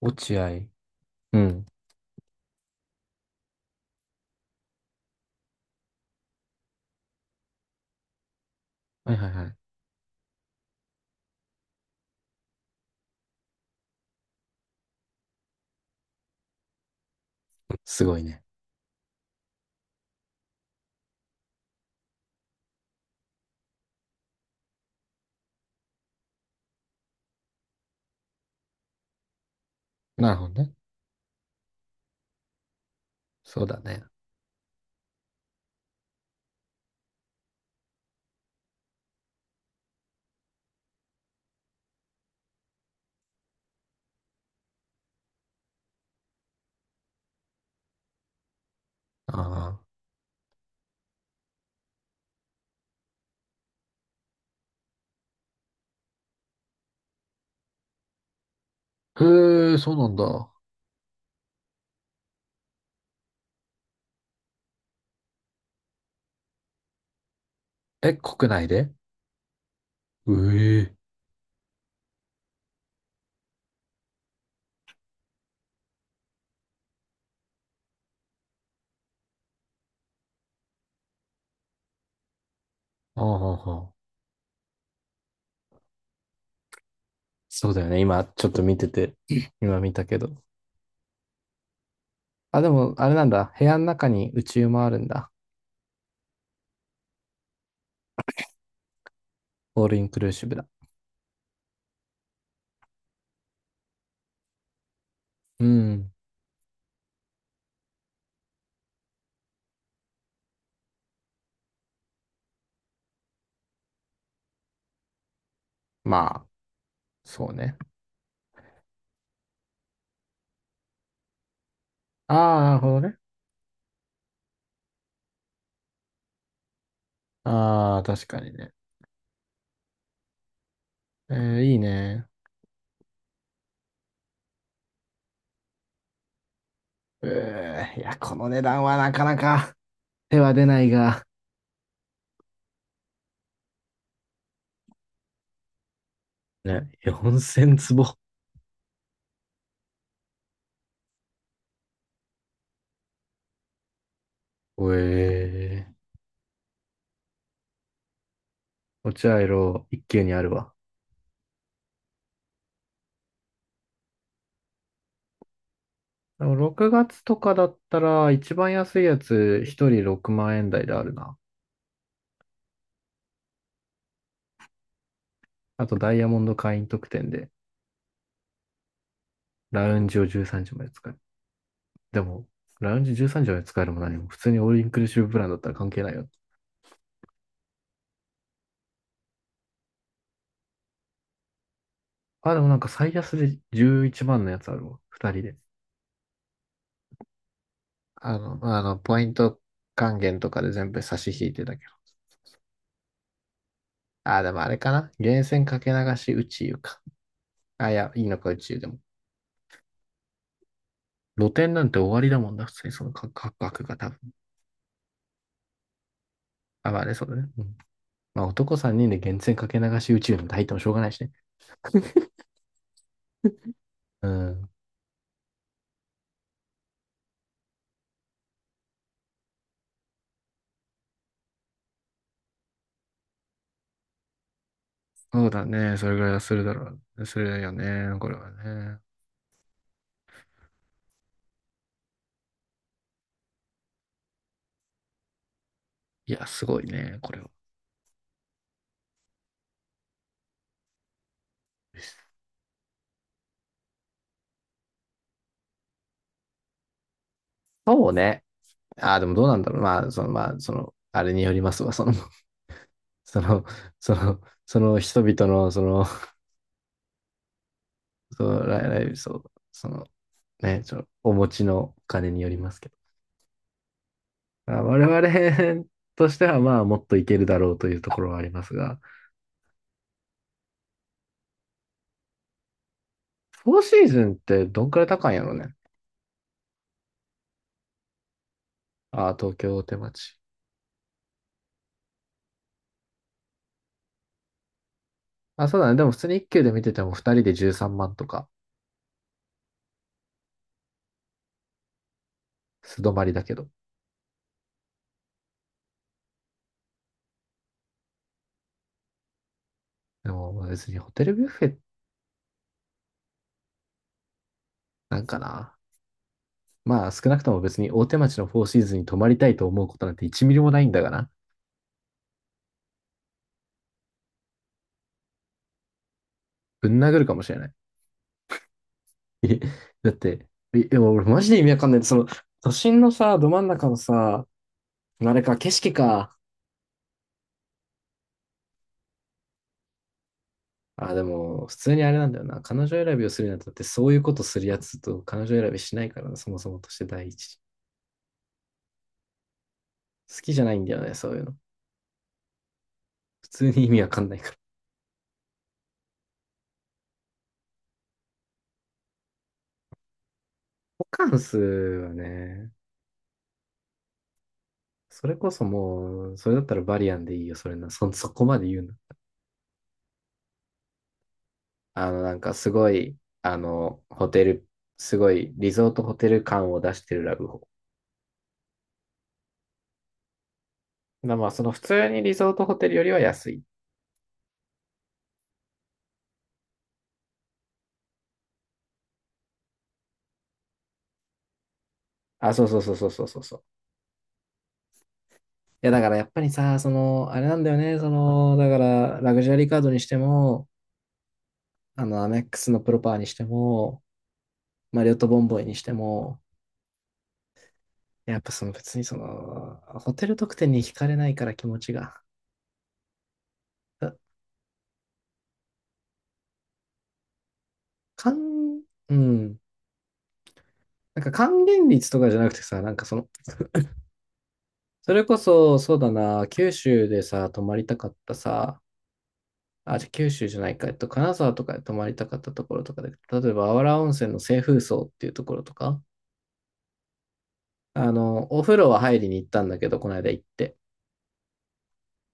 落合。うん。はいはいはい。すごいね。なるほどね。そうだね。ああ。へえ、そうなんだ。え、国内で？うえ。ああ、ああ、そうだよね。今、ちょっと見てて、今見たけど。あ、でも、あれなんだ。部屋の中に宇宙もあるんだ。オールインクルーシブだ。うん。まあ、そうね。ああ、なるほどね。ああ、確かにね。いいね。いや、この値段はなかなか手は出ないが、ね、4000坪。ええ。落合ロ一級にあるわ。でも6月とかだったら、一番安いやつ、一人6万円台であるな。あと、ダイヤモンド会員特典で、ラウンジを13時まで使える。でも、ラウンジ13時まで使えるも何も、普通にオールインクルーシブプランだったら関係ないよ。あ、でもなんか最安で11万のやつあるわ。二人で。ポイント還元とかで全部差し引いてたけど。あ、でもあれかな。源泉かけ流し宇宙か。あ、いや、いいのか宇宙でも。露店なんて終わりだもんな、普通にその価格が多分。あ、まあね、そうだね。うんまあ男3人で源泉かけ流し宇宙なんて入ってもしょうがないしね。うん。そうだね、それぐらいはするだろう。するよね、これはね。いや、すごいね、これは。そうね。ああ、でもどうなんだろう。まあ、あれによりますわ。その、その人々の、その、その、ライブ、そう、ね、その、お持ちのお金によりますけど。まあ我々 としてはまあもっといけるだろうというところはありますが、フォーシーズンってどんくらい高いんやろね。ああ、東京大手町。あ、そうだね。でも普通に1級で見てても2人で13万とか、素泊まりだけど。でも別にホテルビュッフェなんかな。まあ少なくとも別に大手町のフォーシーズンに泊まりたいと思うことなんて1ミリもないんだがな。ぶん殴るかもしれない。だって、いいや俺マジで意味わかんない。都心のさ、ど真ん中のさ、あれか、景色か。あ、でも、普通にあれなんだよな。彼女選びをするにあたって、そういうことするやつと彼女選びしないからな、そもそもとして第一。好きじゃないんだよね、そういうの。普通に意味わかんないから。ホカンスはね、それこそもう、それだったらバリアンでいいよ、それな。そこまで言うな。なんかすごい、ホテル、すごいリゾートホテル感を出してるラブホ。まあ、まあその普通にリゾートホテルよりは安い。あ、そうそうそうそうそうそう。いや、だからやっぱりさ、あれなんだよね、だから、ラグジュアリーカードにしても、アメックスのプロパーにしても、マリオットボンボイにしても、やっぱ別にホテル特典に惹かれないから気持ちが。だ還、うん。なんか還元率とかじゃなくてさ、なんかそれこそ、そうだな、九州でさ、泊まりたかったさ、あ、じゃあ九州じゃないか、金沢とかで泊まりたかったところとかで、例えば、あわら温泉の清風荘っていうところとか、お風呂は入りに行ったんだけど、この間行って。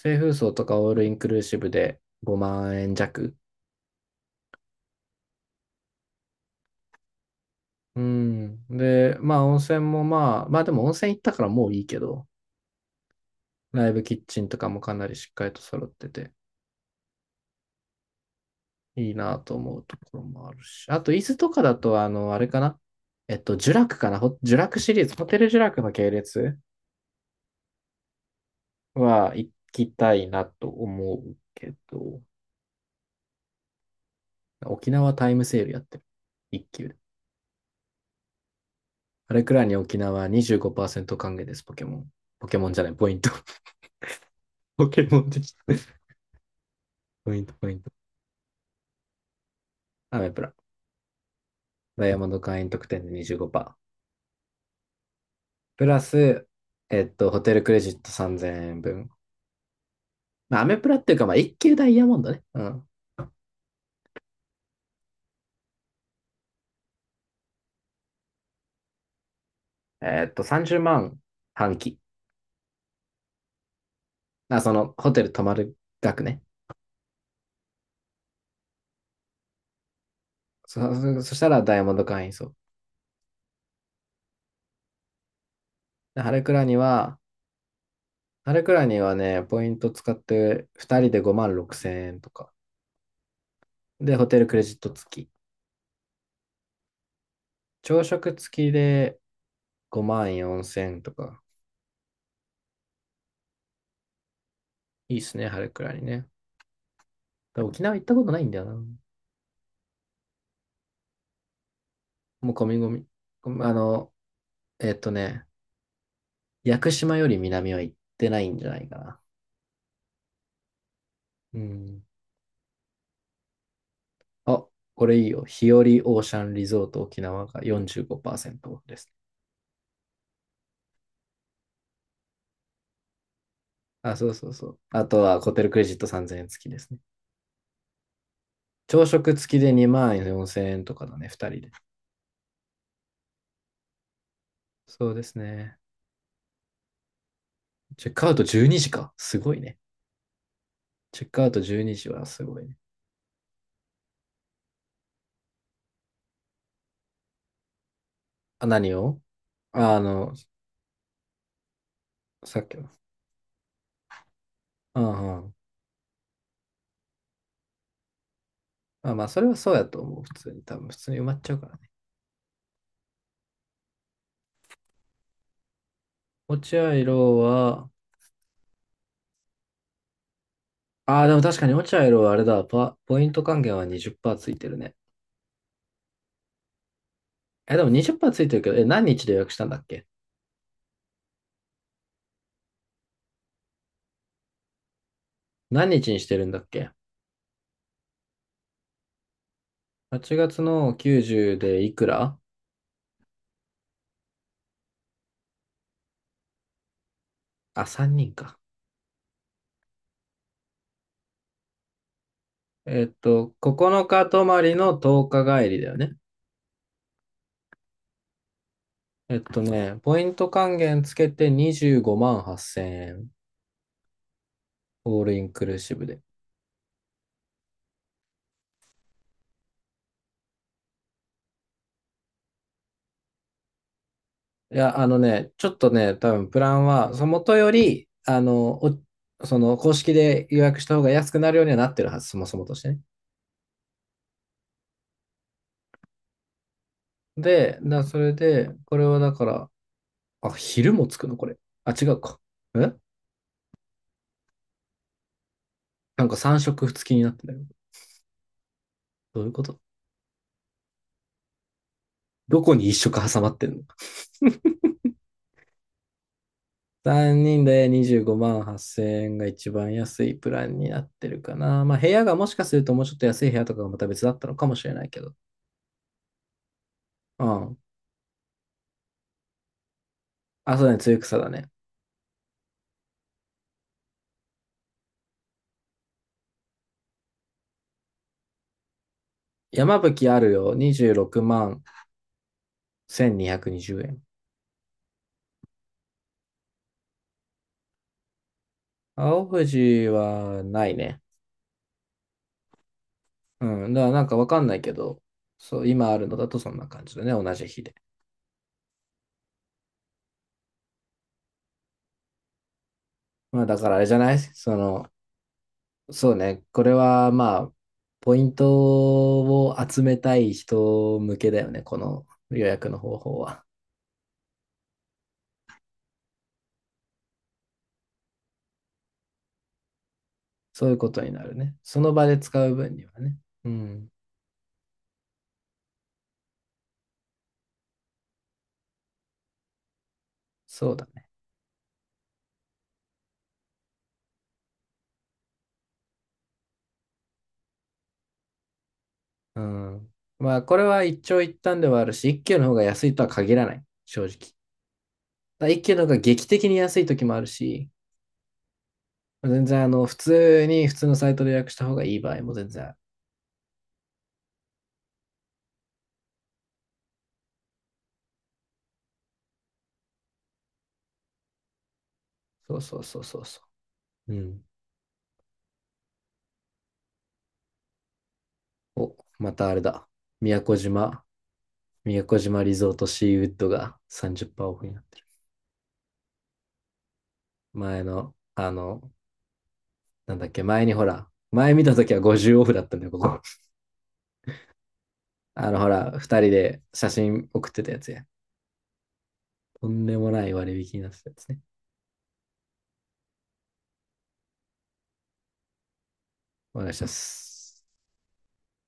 清風荘とかオールインクルーシブで5万円弱。うん。で、まあ温泉もまあ、でも温泉行ったからもういいけど、ライブキッチンとかもかなりしっかりと揃ってて、いいなと思うところもあるし。あと、伊豆とかだと、あれかなジュラクかなホジュラクシリーズ、ホテルジュラクの系列は行きたいなと思うけど、沖縄タイムセールやってる。一級で。あれくらいに沖縄25%還元です、ポケモン。ポケモンじゃない、ポイント。ポケモンできた。ポイント、ポイント。アメプラ。ダイヤモンド会員特典で25%。プラス、ホテルクレジット3000円分。まあ、アメプラっていうか、まあ、一級ダイヤモンドね。うん。30万半期。あ、ホテル泊まる額ね。そしたらダイヤモンド会員そう。で、ハレクラにはね、ポイント使って2人で5万6000円とか。で、ホテルクレジット付き。朝食付きで5万4千円とか。いいっすね、春くらいにね。だから沖縄行ったことないんだよな。もう込み込み。あの、えっとね、屋久島より南は行ってないんじゃないかな。うん。あ、これいいよ。日和オーシャンリゾート沖縄が45%オフです。あ、そうそうそう。あとはホテルクレジット3000円付きですね。朝食付きで2万4千円とかだね、2人で。そうですね。チェックアウト12時か。すごいね。チェックアウト12時はすごいね。あ、何を？ああの、さっきの。うんうん。あ、まあ、それはそうやと思う。普通に、多分、普通に埋まっちゃうからね。落合色は、ああ、でも確かに落合色はあれだ、ポイント還元は20%ついてるね。え、でも20%ついてるけど、え、何日で予約したんだっけ？何日にしてるんだっけ ?8 月の90でいくら？あ、3人か。9日泊まりの10日帰りだよね。ポイント還元つけて25万8千円。オールインクルーシブで。いや、ちょっとね、多分プランは、その元より、その公式で予約した方が安くなるようにはなってるはず、そもそもとしてね。で、それで、これはだから、あ、昼もつくのこれ。あ、違うか。えなんか3食付きになってんだけど。どういうこと？どこに1食挟まってんの ?3 人で25万8000円が一番安いプランになってるかな。まあ部屋がもしかするともうちょっと安い部屋とかがまた別だったのかもしれないけど。うん。あ、そうだね、露草だね。山吹あるよ。26万1220円。青藤はないね。うん。だからなんかわかんないけど、そう、今あるのだとそんな感じだね。同じ日で。まあだからあれじゃないそうね。これはまあ、ポイントを集めたい人向けだよね。この予約の方法は。そういうことになるね。その場で使う分にはね。うん。そうだね。うん。まあこれは一長一短ではあるし、一級の方が安いとは限らない。正直。一級の方が劇的に安い時もあるし、全然普通に普通のサイトで予約した方がいい場合も全然ある。そうそうそうそうそう。うん。お、またあれだ。宮古島、宮古島リゾートシーウッドが30%オフになってる。前の、なんだっけ、前にほら、前見た時は50オフだったんだよ、ここ。ほら、2人で写真送ってたやつや。とんでもない割引になってたやつね。お願いします。